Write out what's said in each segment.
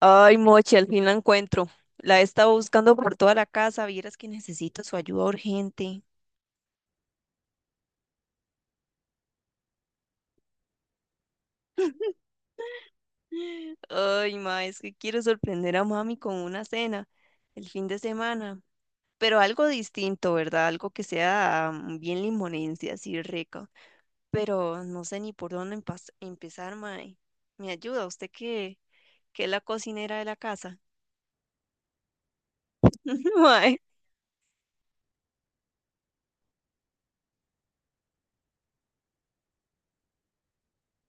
Ay, Mochi, al fin la encuentro. La he estado buscando por toda la casa. Vieras que necesito su ayuda urgente. Ay, ma, es que quiero sorprender a mami con una cena el fin de semana. Pero algo distinto, ¿verdad? Algo que sea bien limonense, así rico. Pero no sé ni por dónde empezar, ma. ¿Me ayuda usted que es la cocinera de la casa? Ma,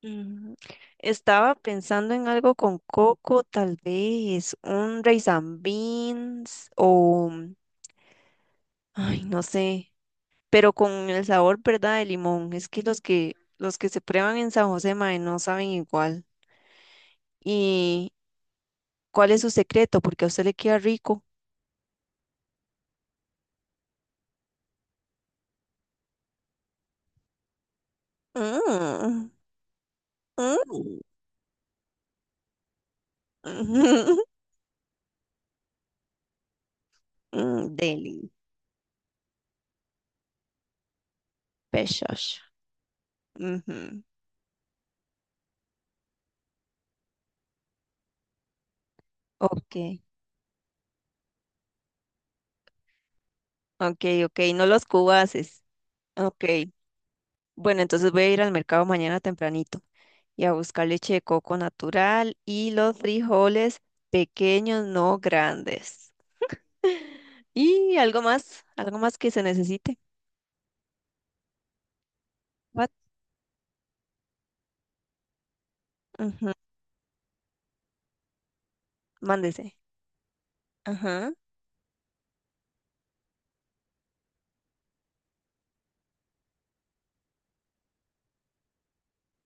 ujú. Estaba pensando en algo con coco, tal vez un rice and beans o, ay, no sé, pero con el sabor, ¿verdad? De limón. Es que los que se prueban en San José, mae, no saben igual. ¿Y cuál es su secreto? Porque a usted le queda rico. Mm, mm, ujú, mm, deli, pechos. Ujú. Ok, ok, ok, no los cubaces. Ok. Bueno, entonces voy a ir al mercado mañana tempranito y a buscar leche de coco natural y los frijoles pequeños, no grandes. Y algo más que se necesite. What? Ujú, mándese. Ajá.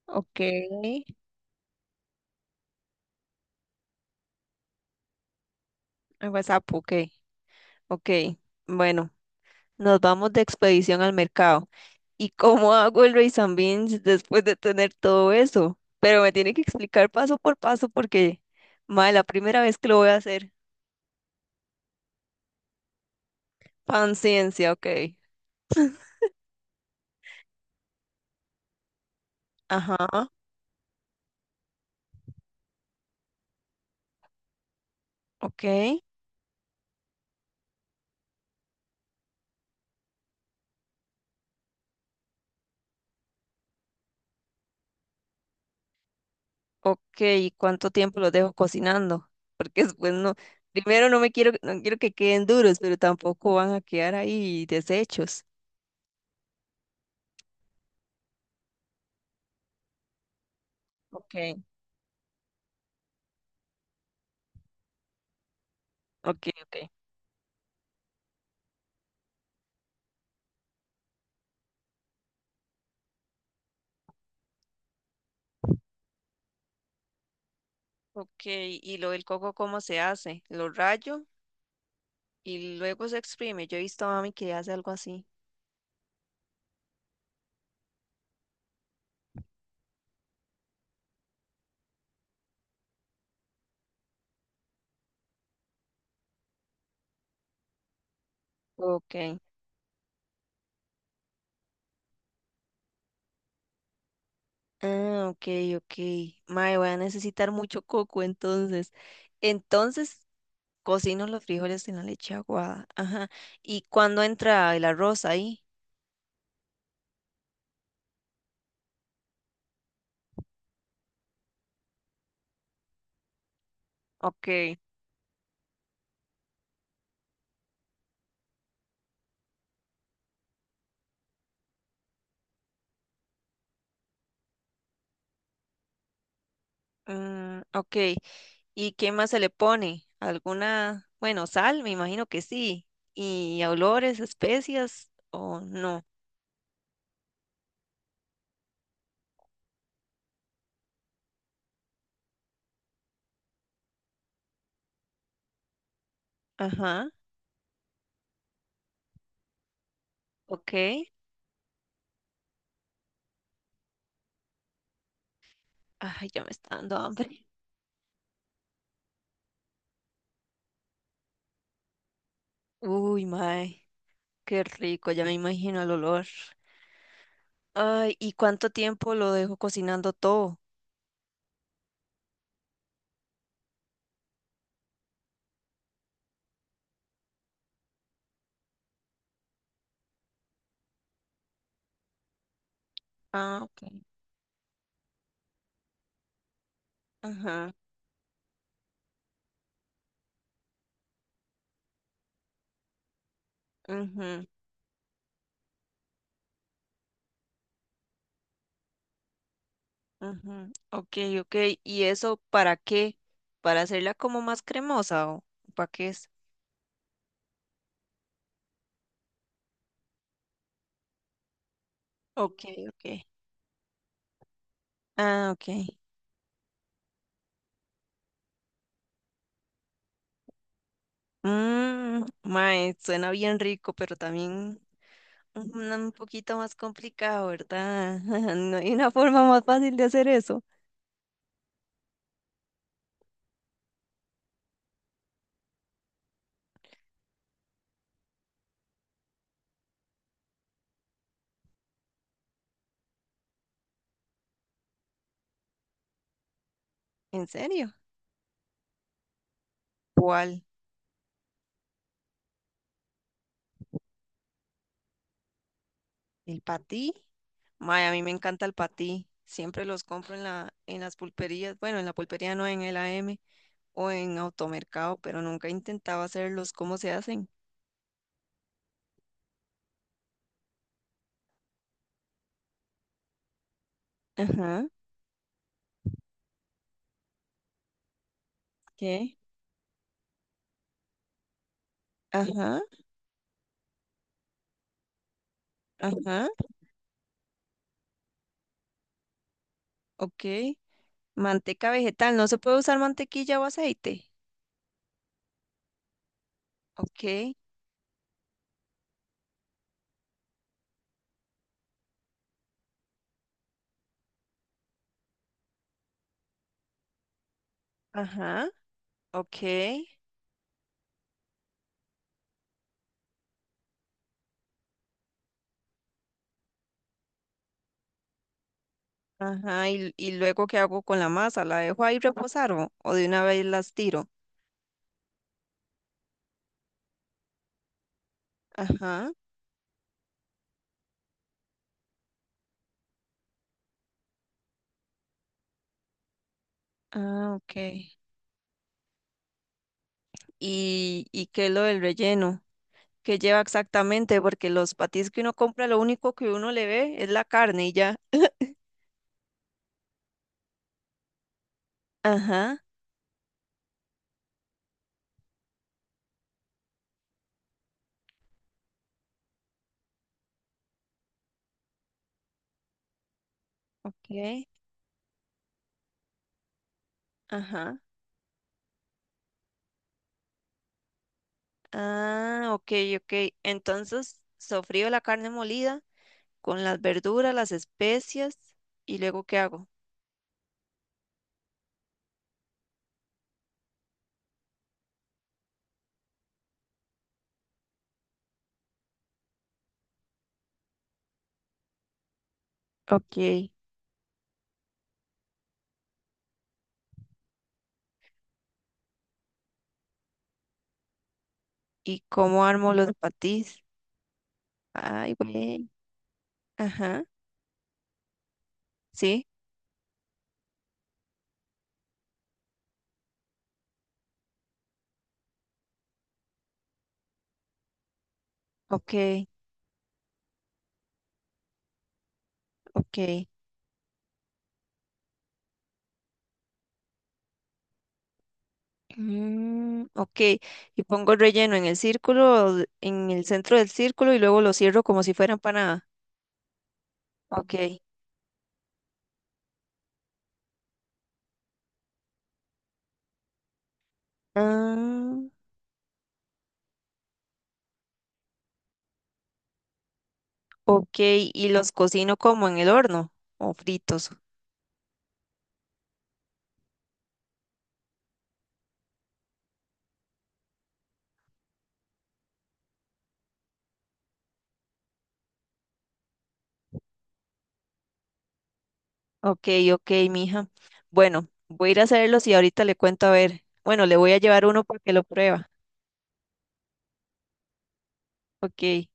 Ok. Ah, WhatsApp, ok. Ok. Bueno, nos vamos de expedición al mercado. ¿Y cómo hago el rice and beans después de tener todo eso? Pero me tiene que explicar paso por paso porque, madre, la primera vez que lo voy a hacer. Panciencia, ok. Ajá, ok, ok. ¿Y cuánto tiempo los dejo cocinando? Porque después no, primero no quiero que queden duros, pero tampoco van a quedar ahí deshechos. Ok, ok, ok. Ok, ¿y lo del coco cómo se hace? Lo rayo y luego se exprime. Yo he visto a mami que hace algo así. Ok. Ah, ok, ok. Mae, voy a necesitar mucho coco entonces. Entonces, cocino los frijoles en la leche aguada. Ajá. ¿Y cuándo entra el arroz ahí? Ok. Mm, ok. ¿Y qué más se le pone? ¿Alguna, bueno, sal? Me imagino que sí. ¿Y olores, especias o no? Ajá. Ok. Ay, ya me está dando hambre. Uy, mae. Qué rico, ya me imagino el olor. Ay, ¿y cuánto tiempo lo dejo cocinando todo? Ah, ok. Ajá. Ujú. Ujú, ok, ok. ¿Y eso para qué? ¿Para hacerla como más cremosa o para qué es? Ok, ok. Ah, ok. Mmm, mae, suena bien rico, pero también un poquito más complicado, ¿verdad? No hay una forma más fácil de hacer eso. ¿En serio? ¿Cuál? ¿El patí? Mae, a mí me encanta el patí. Siempre los compro en las pulperías. Bueno, en la pulpería no, en el AM o en automercado, pero nunca he intentado hacerlos. ¿Cómo se hacen? Ajá, ok. Ajá, ajá, ok. Manteca vegetal, no se puede usar mantequilla o aceite. Ok, ajá, ok, ajá. ¿Y luego qué hago con la masa? ¿La dejo ahí reposar o de una vez las tiro? Ajá, ah, ok. ¿Y qué es lo del relleno? ¿Qué lleva exactamente? Porque los patis que uno compra, lo único que uno le ve es la carne y ya. Ajá, ok, ajá. Ah, ok, ok. Entonces, sofrío la carne molida con las verduras, las especias y luego ¿qué hago? Ok. ¿Y cómo armo los patís? Ay, güey. Ajá. Sí. Ok, ok. Mm, ok. Y pongo el relleno en el círculo, en el centro del círculo y luego lo cierro como si fuera empanada. Ok. Ah, ok. ¿Y los cocino como en el horno o fritos? Ok, ok, mija. Bueno, voy a ir a hacerlos y ahorita le cuento a ver. Bueno, le voy a llevar uno para que lo prueba. Ok,